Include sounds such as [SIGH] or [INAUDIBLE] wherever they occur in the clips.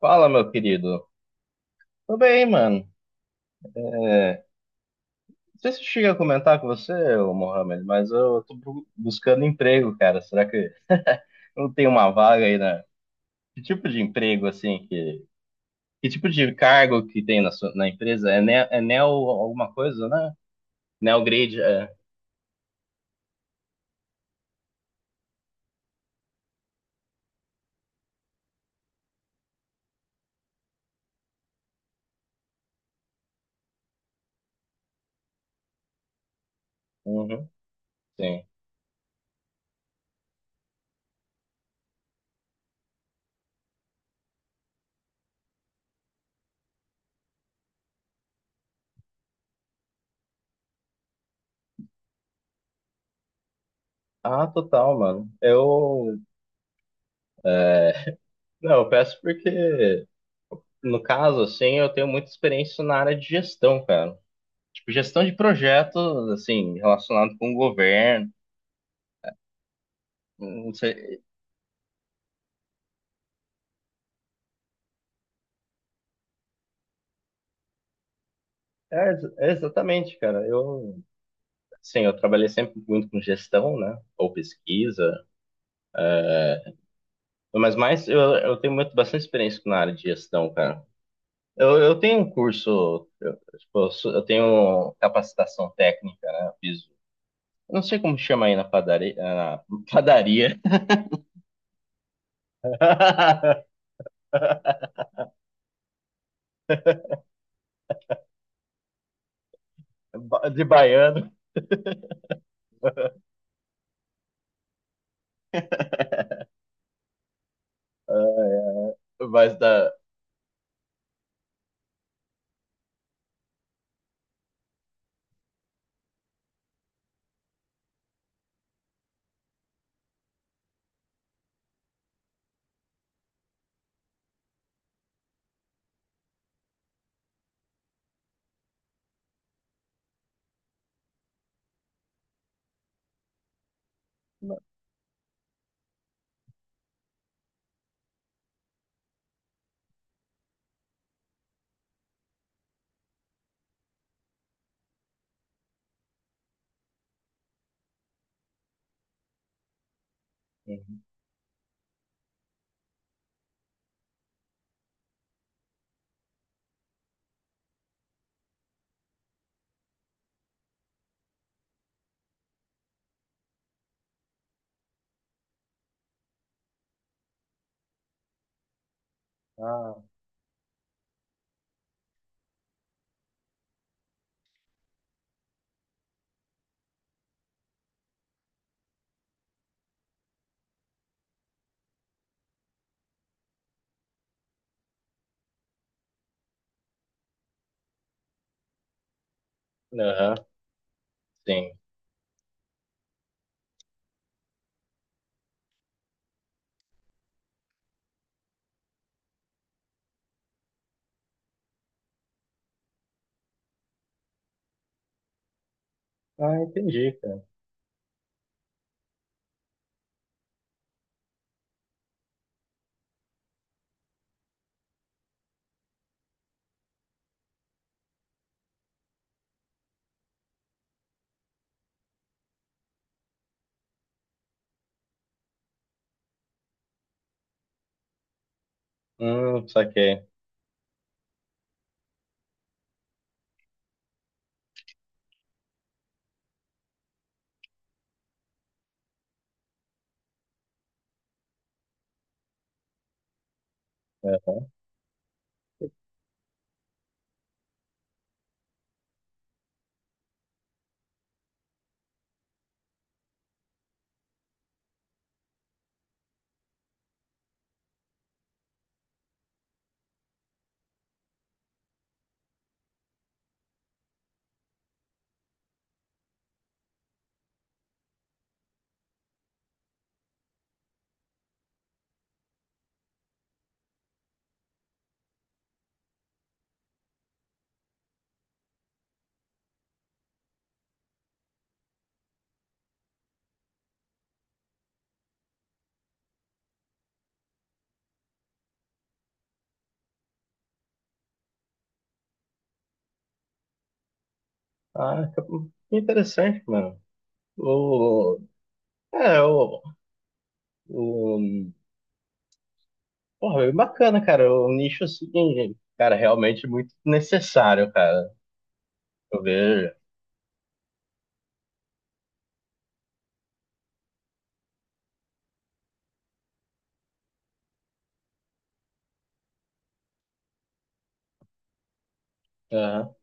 Fala, meu querido. Tô bem, mano. Não sei se eu cheguei a comentar com você, ô Mohamed, mas eu tô buscando emprego, cara. Será que não tem uma vaga aí na... Que tipo de emprego, assim, que... Que tipo de cargo que tem na, sua... na empresa? É neo alguma coisa, né? Neo grid, é. Uhum, sim. Ah, total, mano. Eu... Não, eu peço porque, no caso, assim, eu tenho muita experiência na área de gestão, cara. Tipo, gestão de projetos, assim, relacionado com o governo. É exatamente, cara. Sim, eu trabalhei sempre muito com gestão, né? Ou pesquisa. Mas mais, eu tenho muito, bastante experiência na área de gestão, cara. Eu tenho um curso, eu, tipo, eu tenho capacitação técnica, né? Eu fiz, eu não sei como chama aí na padaria, na padaria. [LAUGHS] De baiano, [LAUGHS] mas da. Uhum. Ah, aham, sim. Ah, entendi, cara. Saquei. É. Ah, que interessante, mano. O, é, o, o, porra, é bacana, cara. O nicho, assim, cara, é realmente muito necessário, cara. Eu vejo. Aham.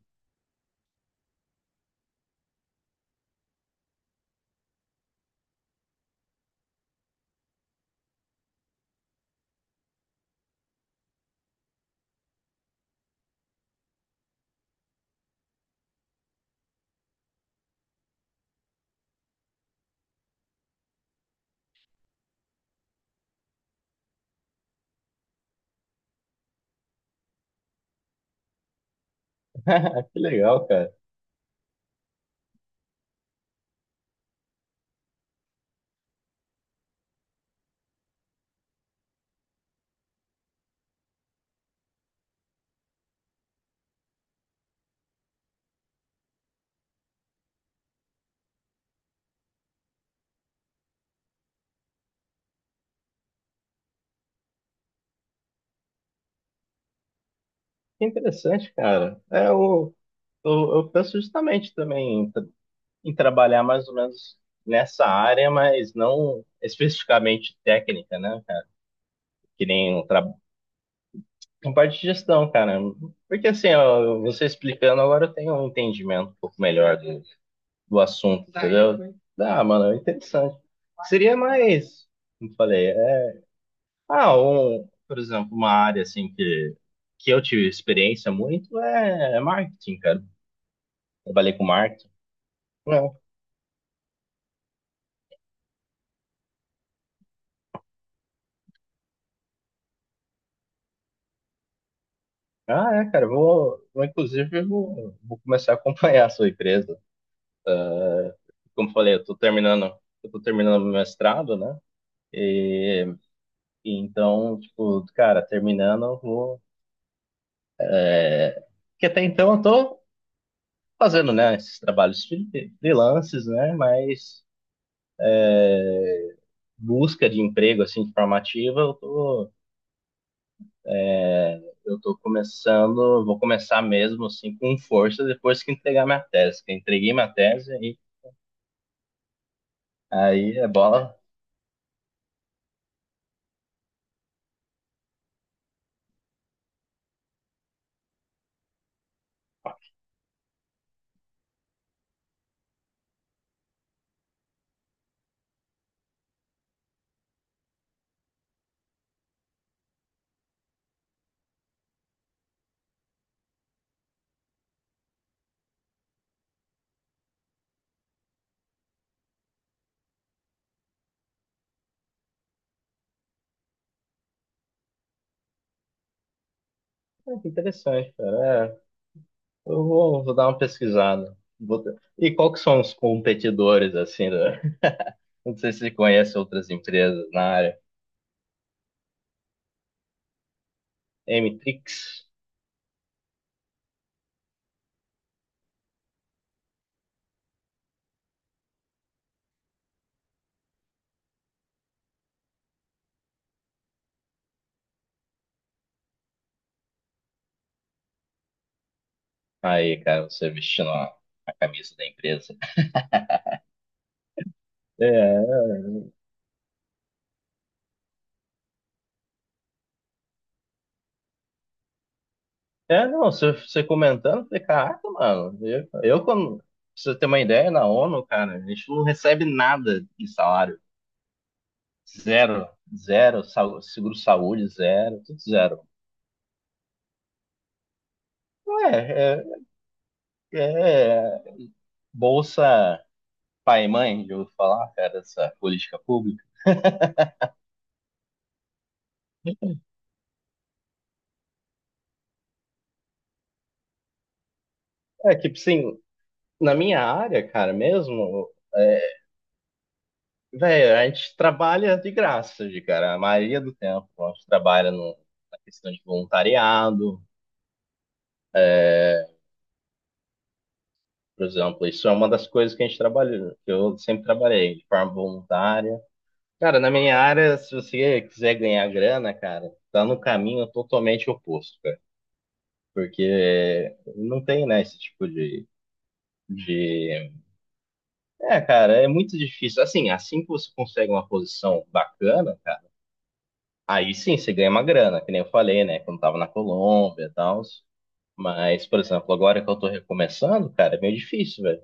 [LAUGHS] Que legal, cara. Que interessante, cara. O, eu penso justamente também em trabalhar mais ou menos nessa área, mas não especificamente técnica, né, cara? Que nem um. Na parte de gestão, cara. Porque assim, ó, você explicando agora eu tenho um entendimento um pouco melhor do, do assunto, entendeu? Ah, mano, é interessante. Seria mais, como eu falei, é, ah, um, por exemplo, uma área assim que eu tive experiência muito é marketing, cara. Trabalhei com marketing. Não. Ah, é, cara, eu vou inclusive vou começar a acompanhar a sua empresa. Como eu falei, eu tô terminando meu mestrado, né? E então, tipo, cara, terminando, eu vou. Que até então eu tô fazendo, né, esses trabalhos freelances, né, mas busca de emprego, assim, de forma ativa, eu tô começando, vou começar mesmo, assim, com força depois que entregar minha tese. Que eu entreguei minha tese e aí é bola. Ah, que interessante, cara. É, vou dar uma pesquisada. E qual que são os competidores, assim, né? [LAUGHS] Não sei se você conhece outras empresas na área. Mtrix. Aí, cara, você vestindo a camisa da empresa. É, é não, você, você comentando, eu falei, caraca, mano, eu quando, pra você ter uma ideia, na ONU, cara, a gente não recebe nada de salário. Zero, zero, seguro-saúde, zero, tudo zero. Ué, é, é, é, bolsa pai e mãe, de eu falar, cara, dessa política pública. É, tipo assim, na minha área, cara, mesmo. É, velho, a gente trabalha de graça, de cara, a maioria do tempo. A gente trabalha no- Na questão de voluntariado, por exemplo. Isso é uma das coisas que a gente trabalha, que eu sempre trabalhei, de forma voluntária. Cara, na minha área, se você quiser ganhar grana, cara, tá no caminho totalmente oposto, cara. Porque não tem, né, esse tipo de... É, cara, é muito difícil. Assim, assim que você consegue uma posição bacana, cara, aí sim você ganha uma grana, que nem eu falei, né, quando tava na Colômbia e tal. Mas, por exemplo, agora que eu tô recomeçando, cara, é meio difícil, velho.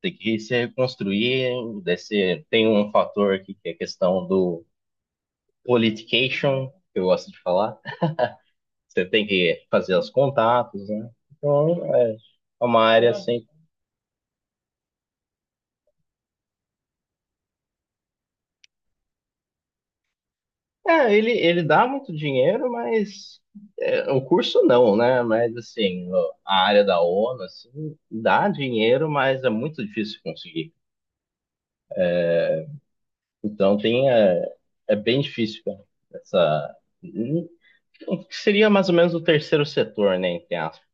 Tem que se reconstruir, desse... tem um fator aqui que é a questão do politication, que eu gosto de falar. Você tem que fazer os contatos, né? Então, é é uma área assim. É, ele dá muito dinheiro, mas é, o curso não, né? Mas assim, a área da ONU, assim, dá dinheiro, mas é muito difícil conseguir. Então tem, é, é bem difícil, cara, essa. Que seria mais ou menos o terceiro setor, né, entre aspas.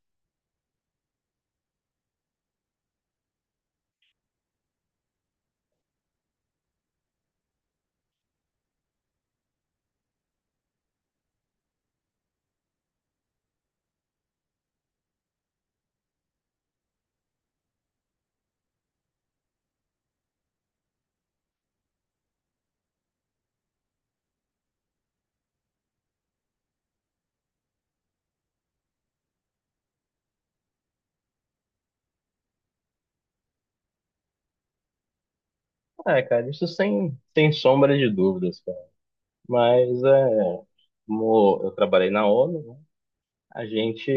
É, cara, isso sem, sem sombra de dúvidas, cara. Mas é, como eu trabalhei na ONU, né, a gente,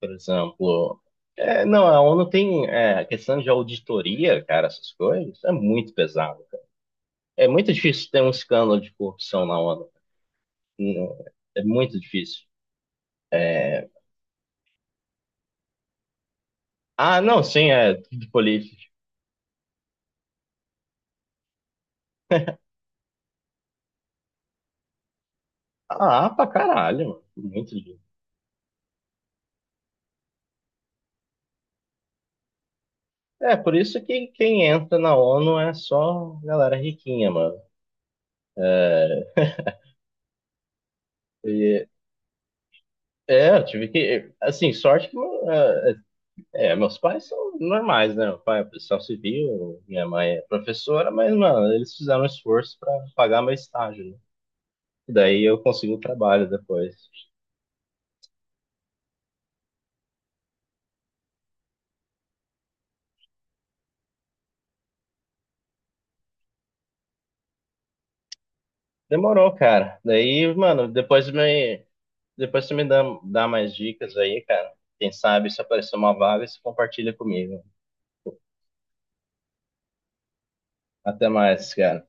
por exemplo, é, não, a ONU tem é, a questão de auditoria, cara, essas coisas, é muito pesado, cara. É muito difícil ter um escândalo de corrupção na ONU. Não, é muito difícil. É, ah, não, sim, é de política. Ah, pra caralho, mano. Muito difícil. É, por isso que quem entra na ONU é só galera riquinha, mano. É, e- é, eu tive que. Assim, sorte que. É, é, meus pais são normais, né? Meu pai é policial civil, minha mãe é professora, mas, mano, eles fizeram um esforço pra pagar meu estágio, né? Daí eu consegui o trabalho depois. Demorou, cara. Daí, mano, depois me. Depois você me dá mais dicas aí, cara. Quem sabe se aparecer uma vaga, você compartilha comigo. Até mais, cara.